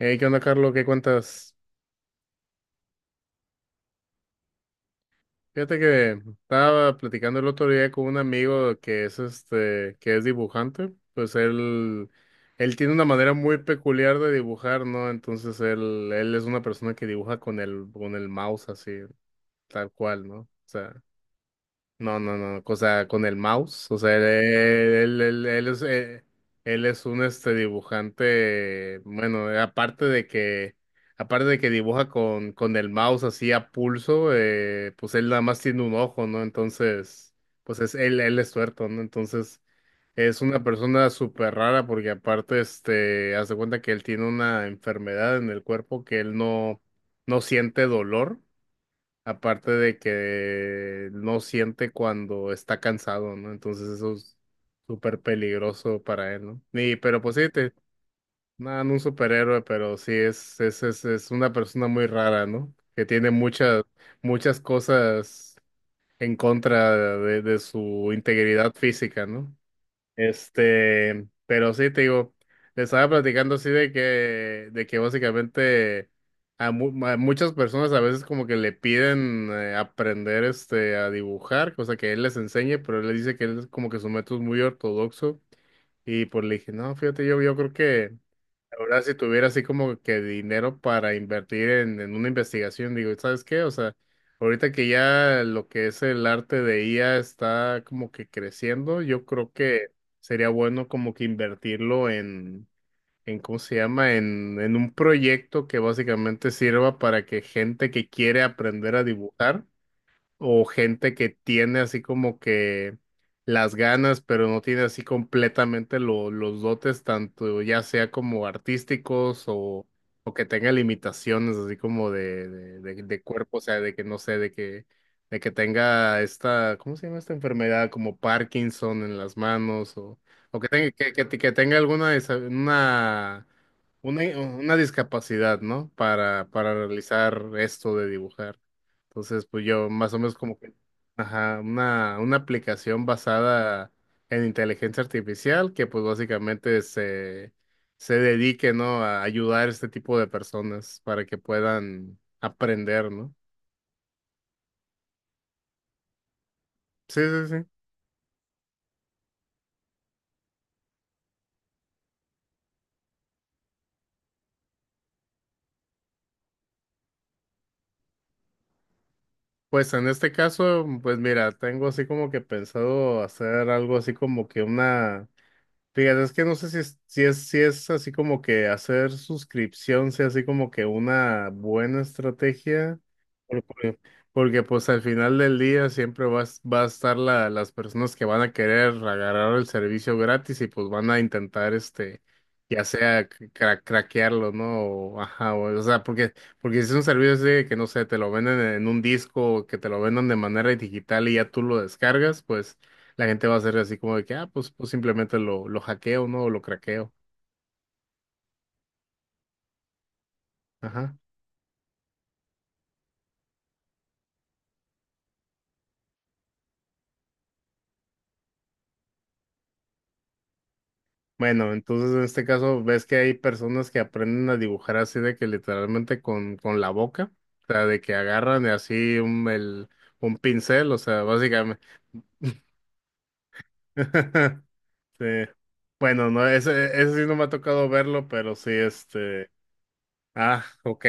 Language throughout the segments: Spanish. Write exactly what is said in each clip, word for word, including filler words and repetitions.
Hey, ¿qué onda, Carlos? ¿Qué cuentas? Fíjate que estaba platicando el otro día con un amigo que es este, que es dibujante. Pues él, él tiene una manera muy peculiar de dibujar, ¿no? Entonces él, él es una persona que dibuja con el, con el mouse así, tal cual, ¿no? O sea. No, no, no, o sea, con el mouse, o sea, él, él, él- él es, eh, él es un este dibujante, bueno, eh, aparte de que, aparte de que dibuja con, con el mouse así a pulso, eh, pues él nada más tiene un ojo, ¿no? Entonces, pues es, él, él es tuerto, ¿no? Entonces, es una persona súper rara porque aparte, este, hace cuenta que él tiene una enfermedad en el cuerpo que él no, no siente dolor. Aparte de que no siente cuando está cansado, ¿no? Entonces eso es súper peligroso para él, ¿no? Y, pero pues sí, te, no, no un superhéroe, pero sí es, es, es, es una persona muy rara, ¿no? Que tiene muchas, muchas cosas en contra de, de su integridad física, ¿no? Este, pero sí, te digo, le estaba platicando así de que, de que básicamente a, mu- a muchas personas a veces como que le piden eh, aprender este a dibujar, cosa que él les enseñe, pero él les dice que él es como que su método es muy ortodoxo y pues le dije, no, fíjate, yo, yo creo que ahora, si tuviera así como que dinero para invertir en, en una investigación, digo, ¿sabes qué? O sea, ahorita que ya lo que es el arte de I A está como que creciendo, yo creo que sería bueno como que invertirlo en, en ¿cómo se llama? En, en un proyecto que básicamente sirva para que gente que quiere aprender a dibujar o gente que tiene así como que las ganas, pero no tiene así completamente lo- los dotes, tanto ya sea como artísticos o, o que tenga limitaciones así como de, de, de- de cuerpo, o sea, de que no sé, de que, de que tenga esta, ¿cómo se llama esta enfermedad? Como Parkinson en las manos o, o que tenga, que, que, que tenga alguna, desa- una... Una, una discapacidad, ¿no? Para, para realizar esto de dibujar. Entonces, pues yo más o menos como que, ajá, una, una aplicación basada en inteligencia artificial que pues básicamente se, se dedique, ¿no? A ayudar a este tipo de personas para que puedan aprender, ¿no? Sí, sí, sí. Pues en este caso, pues mira, tengo así como que pensado hacer algo así como que una... Fíjate, es que no sé si es, si es, si es así como que hacer suscripción sea así como que una buena estrategia, porque, porque, pues al final del día siempre vas, va a estar la- las personas que van a querer agarrar el servicio gratis y pues van a intentar este, ya sea cra- craquearlo, ¿no? O, ajá, o, o sea, porque, porque si es un servicio así de que no sé, te lo venden en un disco, que te lo vendan de manera digital y ya tú lo descargas, pues. La gente va a ser así como de que, ah, pues, pues simplemente lo, lo hackeo, ¿no? O lo craqueo. Ajá. Bueno, entonces en este caso ves que hay personas que aprenden a dibujar así de que literalmente con, con la boca, o sea, de que agarran así un, el, un pincel, o sea, básicamente. Sí. Bueno, no, ese, ese sí no me ha tocado verlo, pero sí, este. Ah, ok.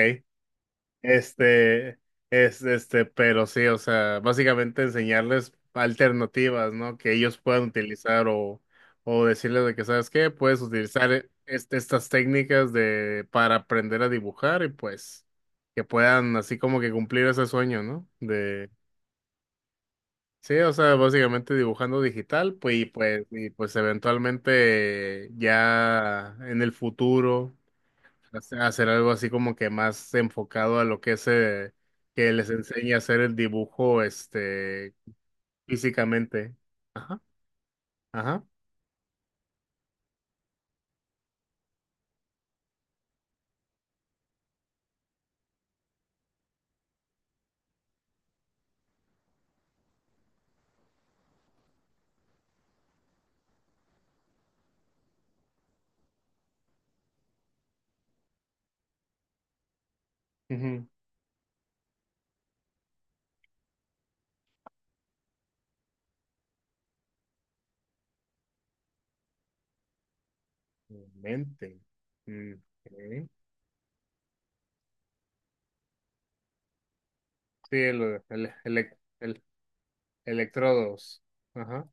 Este, es, este, pero sí, o sea, básicamente enseñarles alternativas, ¿no? Que ellos puedan utilizar o, o decirles de que, ¿sabes qué? Puedes utilizar e- este- estas técnicas de, para aprender a dibujar y pues que puedan así como que cumplir ese sueño, ¿no? De, sí, o sea, básicamente dibujando digital, pues, y pues, y pues eventualmente ya en el futuro hace- hacer algo así como que más enfocado a lo que es eh, que les enseñe a hacer el dibujo este físicamente. Ajá, ajá. Ujú. Mente. Mm, ok. Sí, el, el, elec- el- electrodos. Ajá.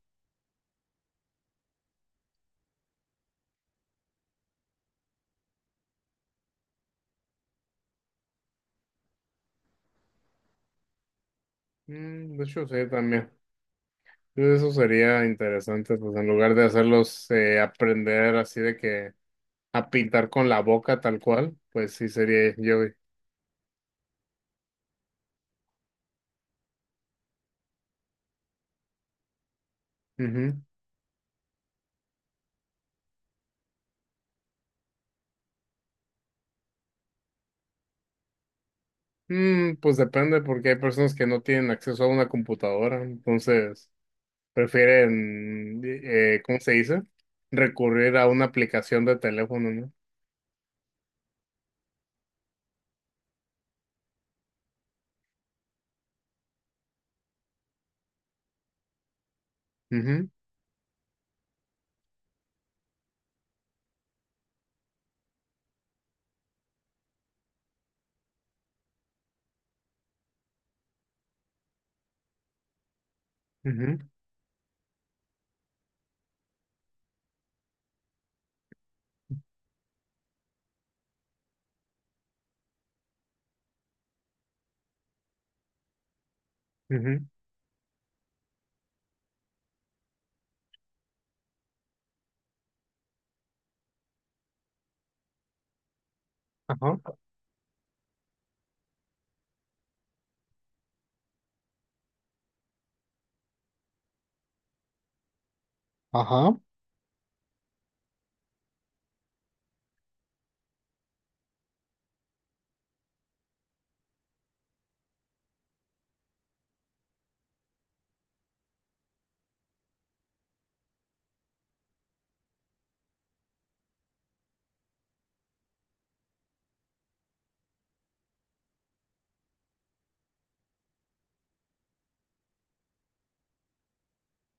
Mm, de hecho, sí, también. Eso sería interesante, pues en lugar de hacerlos eh, aprender así de que a pintar con la boca tal cual, pues sí sería yo. Ujú. Mm, pues depende, porque hay personas que no tienen acceso a una computadora, entonces prefieren, eh, ¿cómo se dice? Recurrir a una aplicación de teléfono, ¿no? Ujú, ujú, ujú, ajá, ajá,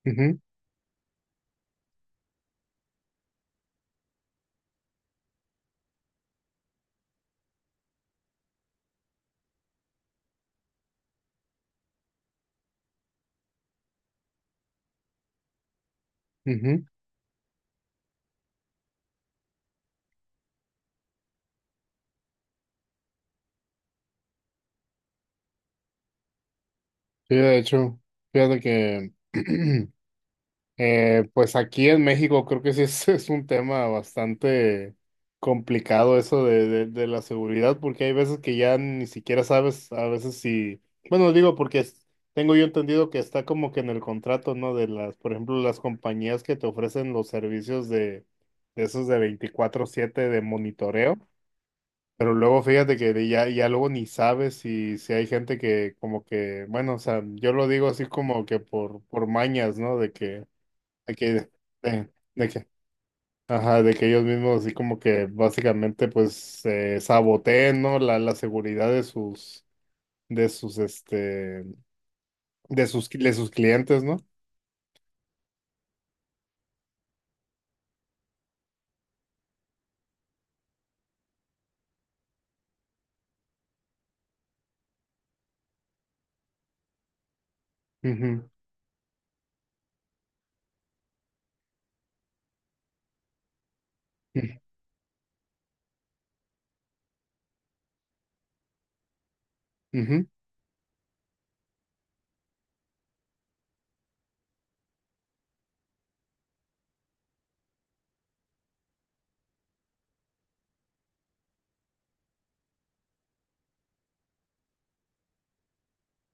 ujú, ujú. Sí, de hecho, fíjate que Eh, pues aquí en México creo que sí es, es un tema bastante complicado eso de, de, de la seguridad, porque hay veces que ya ni siquiera sabes, a veces si, bueno, digo porque es- tengo yo entendido que está como que en el contrato, ¿no? De las, por ejemplo, las compañías que te ofrecen los servicios de, de esos de veinticuatro siete de monitoreo. Pero luego fíjate que de ya, ya luego ni sabes si, si hay gente que como que, bueno, o sea, yo lo digo así como que por, por mañas, ¿no? De que de que, de, de que, ajá, de que ellos mismos así como que básicamente pues eh, saboteen, ¿no? La, la seguridad de sus, de sus, este, de sus, de sus clientes, ¿no? Ujú, ujú, ujú,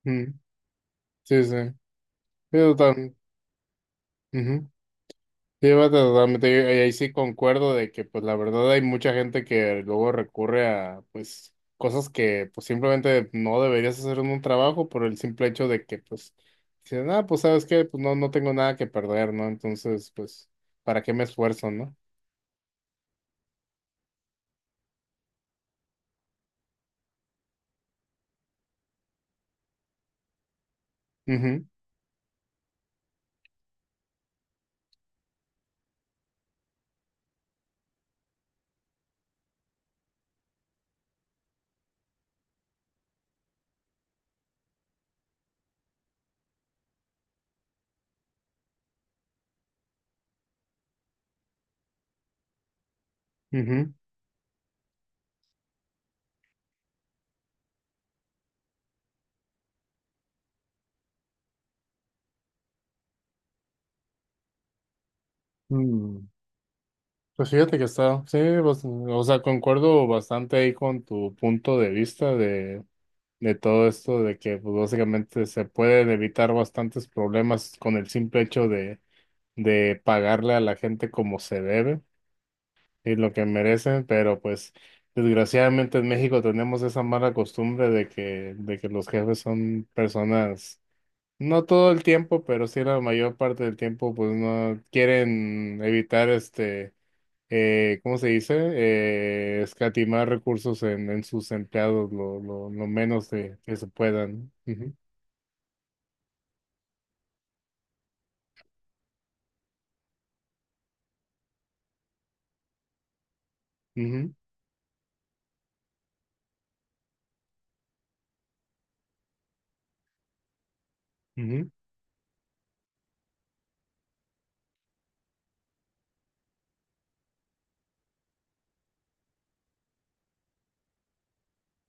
ujú. Sí, sí. Sí, total. Sí, va totalmente, yo- y ahí sí concuerdo de que pues la verdad hay mucha gente que luego recurre a pues cosas que pues simplemente no deberías hacer en un trabajo por el simple hecho de que pues dicen, ah, pues sabes qué, pues no, no tengo nada que perder, ¿no? Entonces, pues, ¿para qué me esfuerzo, no? Ujú, ujú. Mm, pues fíjate que está, sí, bas- o sea, concuerdo bastante ahí con tu punto de vista de todo esto, de que pues, básicamente se pueden evitar bastantes problemas con el simple hecho de, de pagarle a la gente como se debe y lo que merecen, pero pues desgraciadamente en México tenemos esa mala costumbre de que, de que los jefes son personas, no todo el tiempo, pero sí la mayor parte del tiempo, pues no quieren evitar este... Eh, ¿cómo se dice? Eh, escatimar recursos en, en sus empleados lo, lo, lo menos de, que se puedan. Ujú, ujú,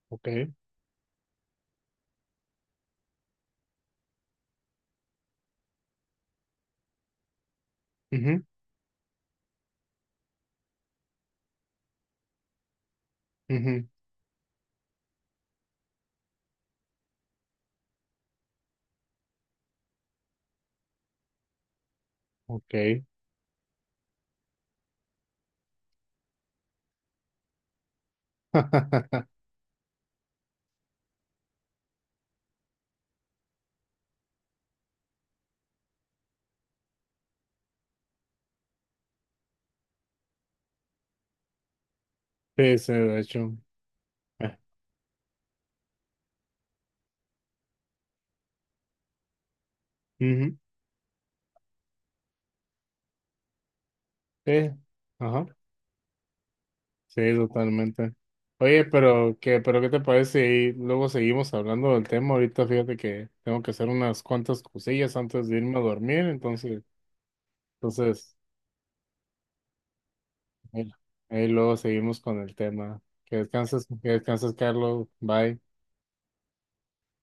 ok, ujú, ujú, ok. Sí, sí, de hecho. Eh, ujú, sí, ajá, sí, totalmente. Oye, pero qué, pero qué te parece si luego seguimos hablando del tema. Ahorita fíjate que tengo que hacer unas cuantas cosillas antes de irme a dormir, entonces, entonces, ahí ahí luego seguimos con el tema. Que descanses, que descanses, Carlos. Bye.